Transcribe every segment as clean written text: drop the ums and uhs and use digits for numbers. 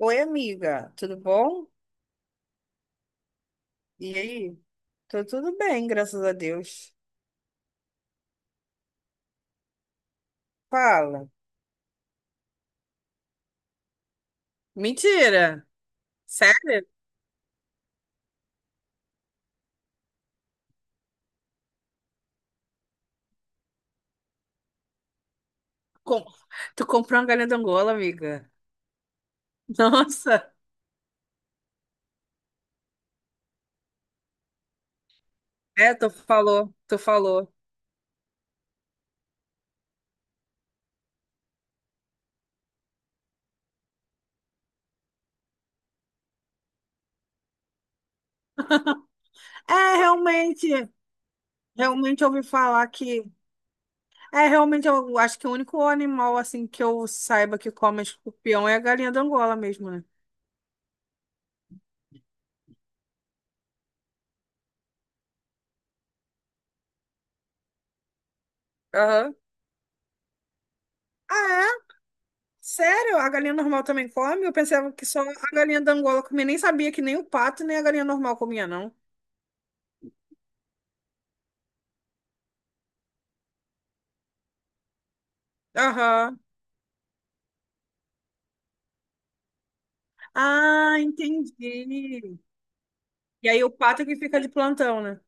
Oi, amiga, tudo bom? E aí? Tô tudo bem, graças a Deus. Fala. Mentira! Sério? Com- Tu comprou uma galinha de Angola, amiga? Nossa! Tu falou. É, realmente, realmente eu ouvi falar que... É, realmente, eu acho que o único animal, assim, que eu saiba que come escorpião é a galinha de Angola mesmo, né? Aham. Ah, é? Sério? A galinha normal também come? Eu pensava que só a galinha da Angola comia. Nem sabia que nem o pato nem a galinha normal comia, não. Aham. Ah, entendi. E aí o pato é que fica de plantão, né?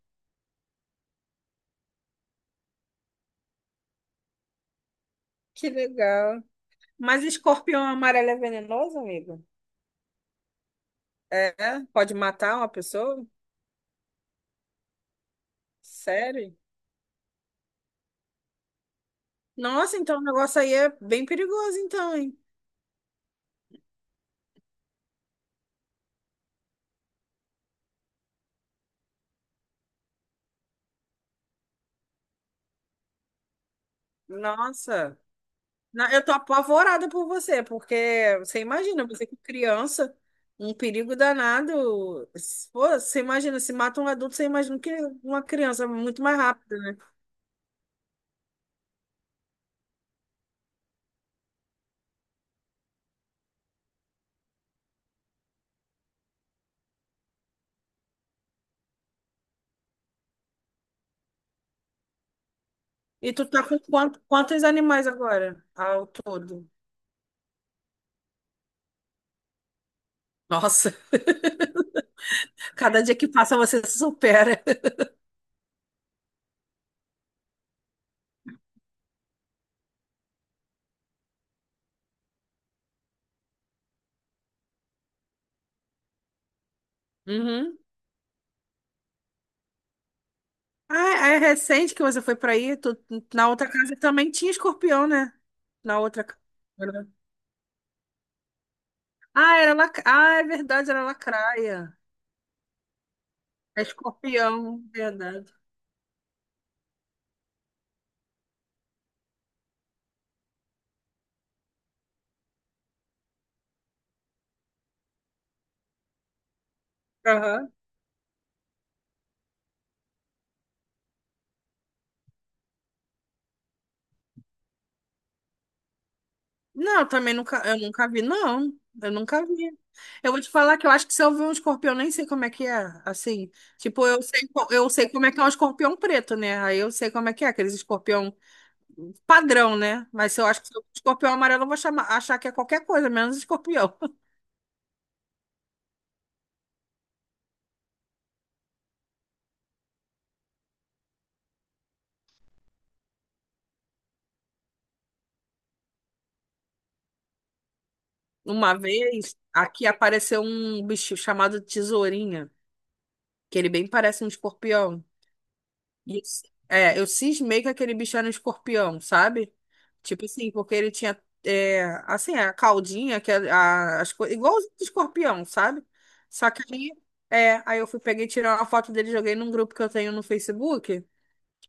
Que legal. Mas escorpião amarelo é venenoso, amigo? É? Pode matar uma pessoa? Sério? Nossa, então o negócio aí é bem perigoso, então, hein? Nossa. Eu tô apavorada por você, porque você imagina, você com criança, um perigo danado. Pô, você imagina, se mata um adulto, você imagina que uma criança é muito mais rápida, né? E tu tá com quantos animais agora ao todo? Nossa, cada dia que passa você se supera. Uhum. Ah, é recente que você foi pra aí? Na outra casa também tinha escorpião, né? Na outra casa. Ah, ah, é verdade, era lacraia. É escorpião, verdade. Aham. Não, eu também nunca, eu nunca vi, não. Eu nunca vi. Eu vou te falar que eu acho que se eu ver um escorpião, eu nem sei como é que é, assim. Tipo, eu sei, eu sei como é que é um escorpião preto, né? Aí eu sei como é que é, aqueles escorpião padrão, né? Mas eu acho que se eu ver um escorpião amarelo, eu vou chamar, achar que é qualquer coisa, menos escorpião. Uma vez, aqui apareceu um bicho chamado tesourinha, que ele bem parece um escorpião. E eu c- É, eu cismei que aquele bicho era um escorpião, sabe? Tipo assim, porque ele tinha, é, assim, a caldinha, que é a, as coisas, igual os escorpião, sabe? Só que aí, é, aí eu fui, peguei, tirei uma foto dele, joguei num grupo que eu tenho no Facebook,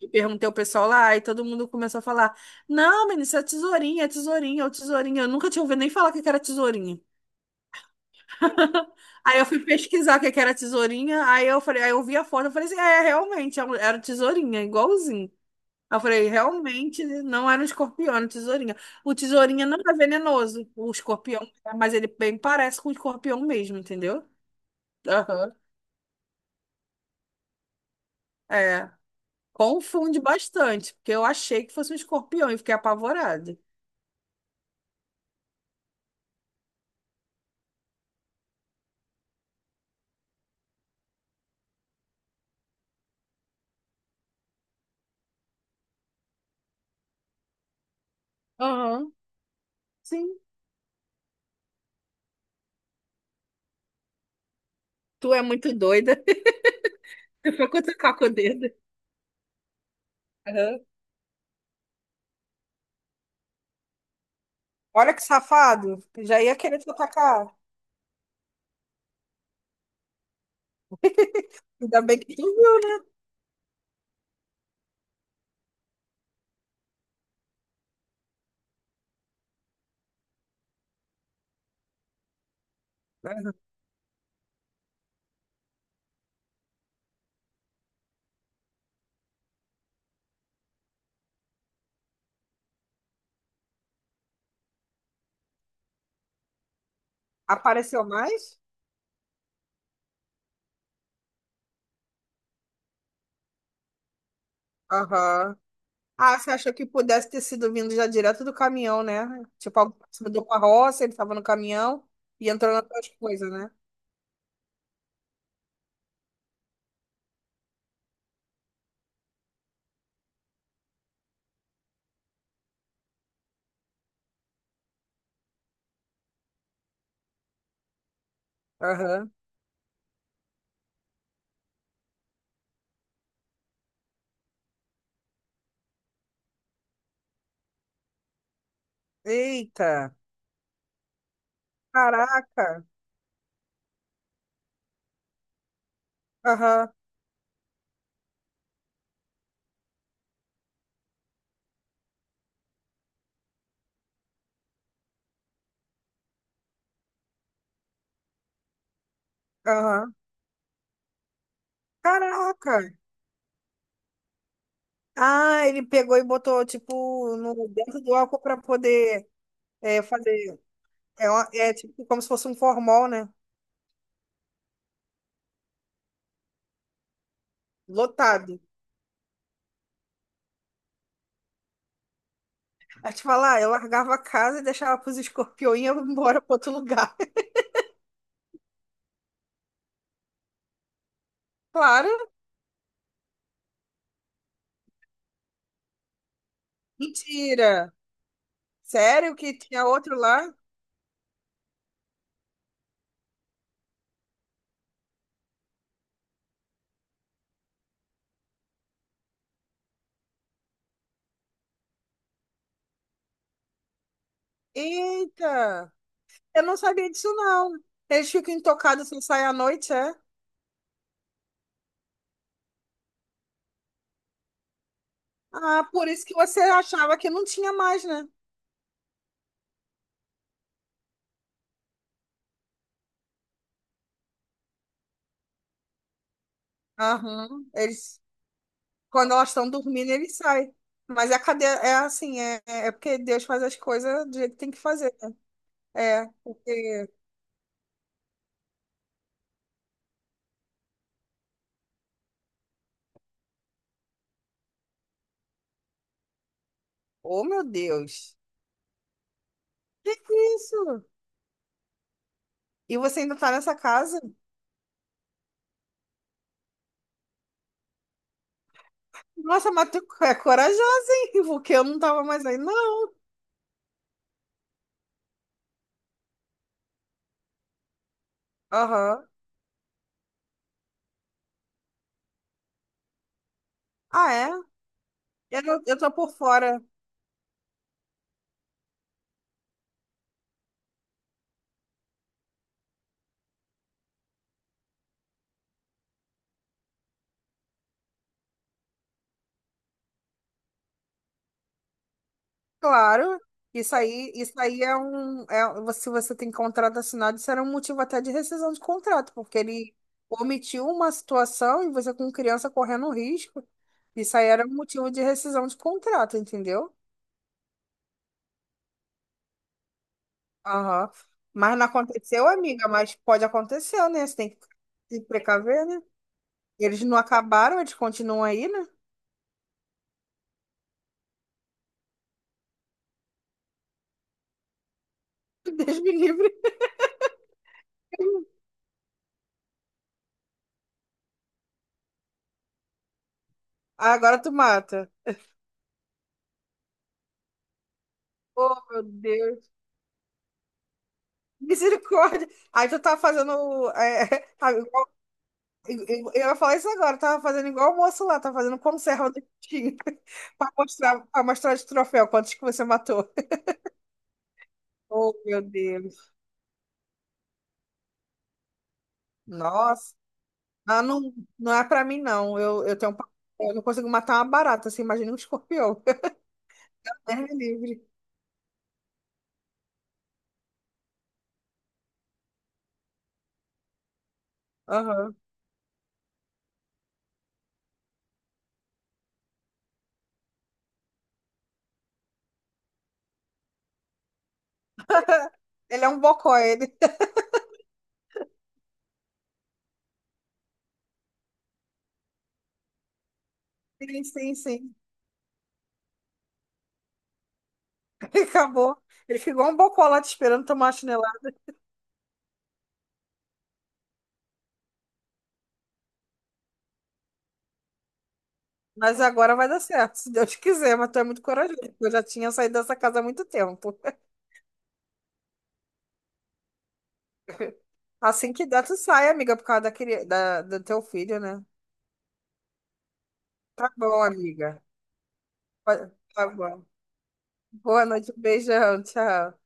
e perguntei ao pessoal lá, e todo mundo começou a falar, não, menino, isso é tesourinha, é tesourinha, é o tesourinha. Eu nunca tinha ouvido nem falar que era tesourinha. Aí eu fui pesquisar o que que era tesourinha, aí eu falei, aí eu vi a foto, eu falei assim, é, realmente, era um tesourinha, igualzinho. Aí eu falei, realmente não era um escorpião, era um tesourinha. O tesourinha não é venenoso, o escorpião, é, mas ele bem parece com o escorpião mesmo, entendeu? Aham. É, confunde bastante, porque eu achei que fosse um escorpião e fiquei apavorada. Aham. Sim, tu é muito doida. Tu foi cutucar com o dedo. Aham. Olha que safado, já ia querer te atacar. Ainda bem que tu viu, né? Apareceu mais? Aham. Ah, você achou que pudesse ter sido vindo já direto do caminhão, né? Tipo, alguém se mudou com a roça, ele estava no caminhão e entrou nas suas coisas, né? Aham. Eita! Caraca! Aham, aham. Caraca! Ah, ele pegou e botou, tipo, no, dentro do álcool para poder é, fazer. É, é tipo como se fosse um formol, né? Lotado. Aí te falar, eu largava a casa e deixava pros escorpiões e ia embora para outro lugar. Claro! Mentira! Sério que tinha outro lá? Eita! Eu não sabia disso, não. Eles ficam intocados sem sair à noite, é? Ah, por isso que você achava que não tinha mais, né? Aham. Eles, quando elas estão dormindo, eles saem. Mas a cadeia é assim, é porque Deus faz as coisas do jeito que tem que fazer. É, porque. Oh, meu Deus! Que é isso? E você ainda tá nessa casa? Nossa, mas tu é corajosa, hein? Porque eu não tava mais aí, não. Aham. Ah, é? Eu, não- eu tô por fora. Claro, isso aí é um, é, se você tem contrato assinado, isso era um motivo até de rescisão de contrato, porque ele omitiu uma situação e você com criança correndo um risco, isso aí era um motivo de rescisão de contrato, entendeu? Aham. Mas não aconteceu, amiga, mas pode acontecer, né? Você tem que se precaver, né? Eles não acabaram, eles continuam aí, né? Deus me livre. Ah, agora tu mata. Oh, meu Deus. Misericórdia. Aí tu tá fazendo é, eu ia falar isso agora, eu tava fazendo igual o moço lá, tava fazendo conserva do tinha para mostrar de troféu quantos que você matou. Oh, meu Deus. Nossa. Ah, não, não é pra mim, não. Eu tenho eu não consigo matar uma barata, você imagina um escorpião. É livre. Aham. Ele é um bocó, ele. Sim, sim, sim. Acabou. Ele ficou um bocó lá te esperando tomar a chinelada. Mas agora vai dar certo, se Deus quiser, mas tu é muito corajoso. Eu já tinha saído dessa casa há muito tempo. Assim que dá, tu sai, amiga, por causa do teu filho, né? Tá bom, amiga. Tá bom. Boa noite, um beijão, tchau.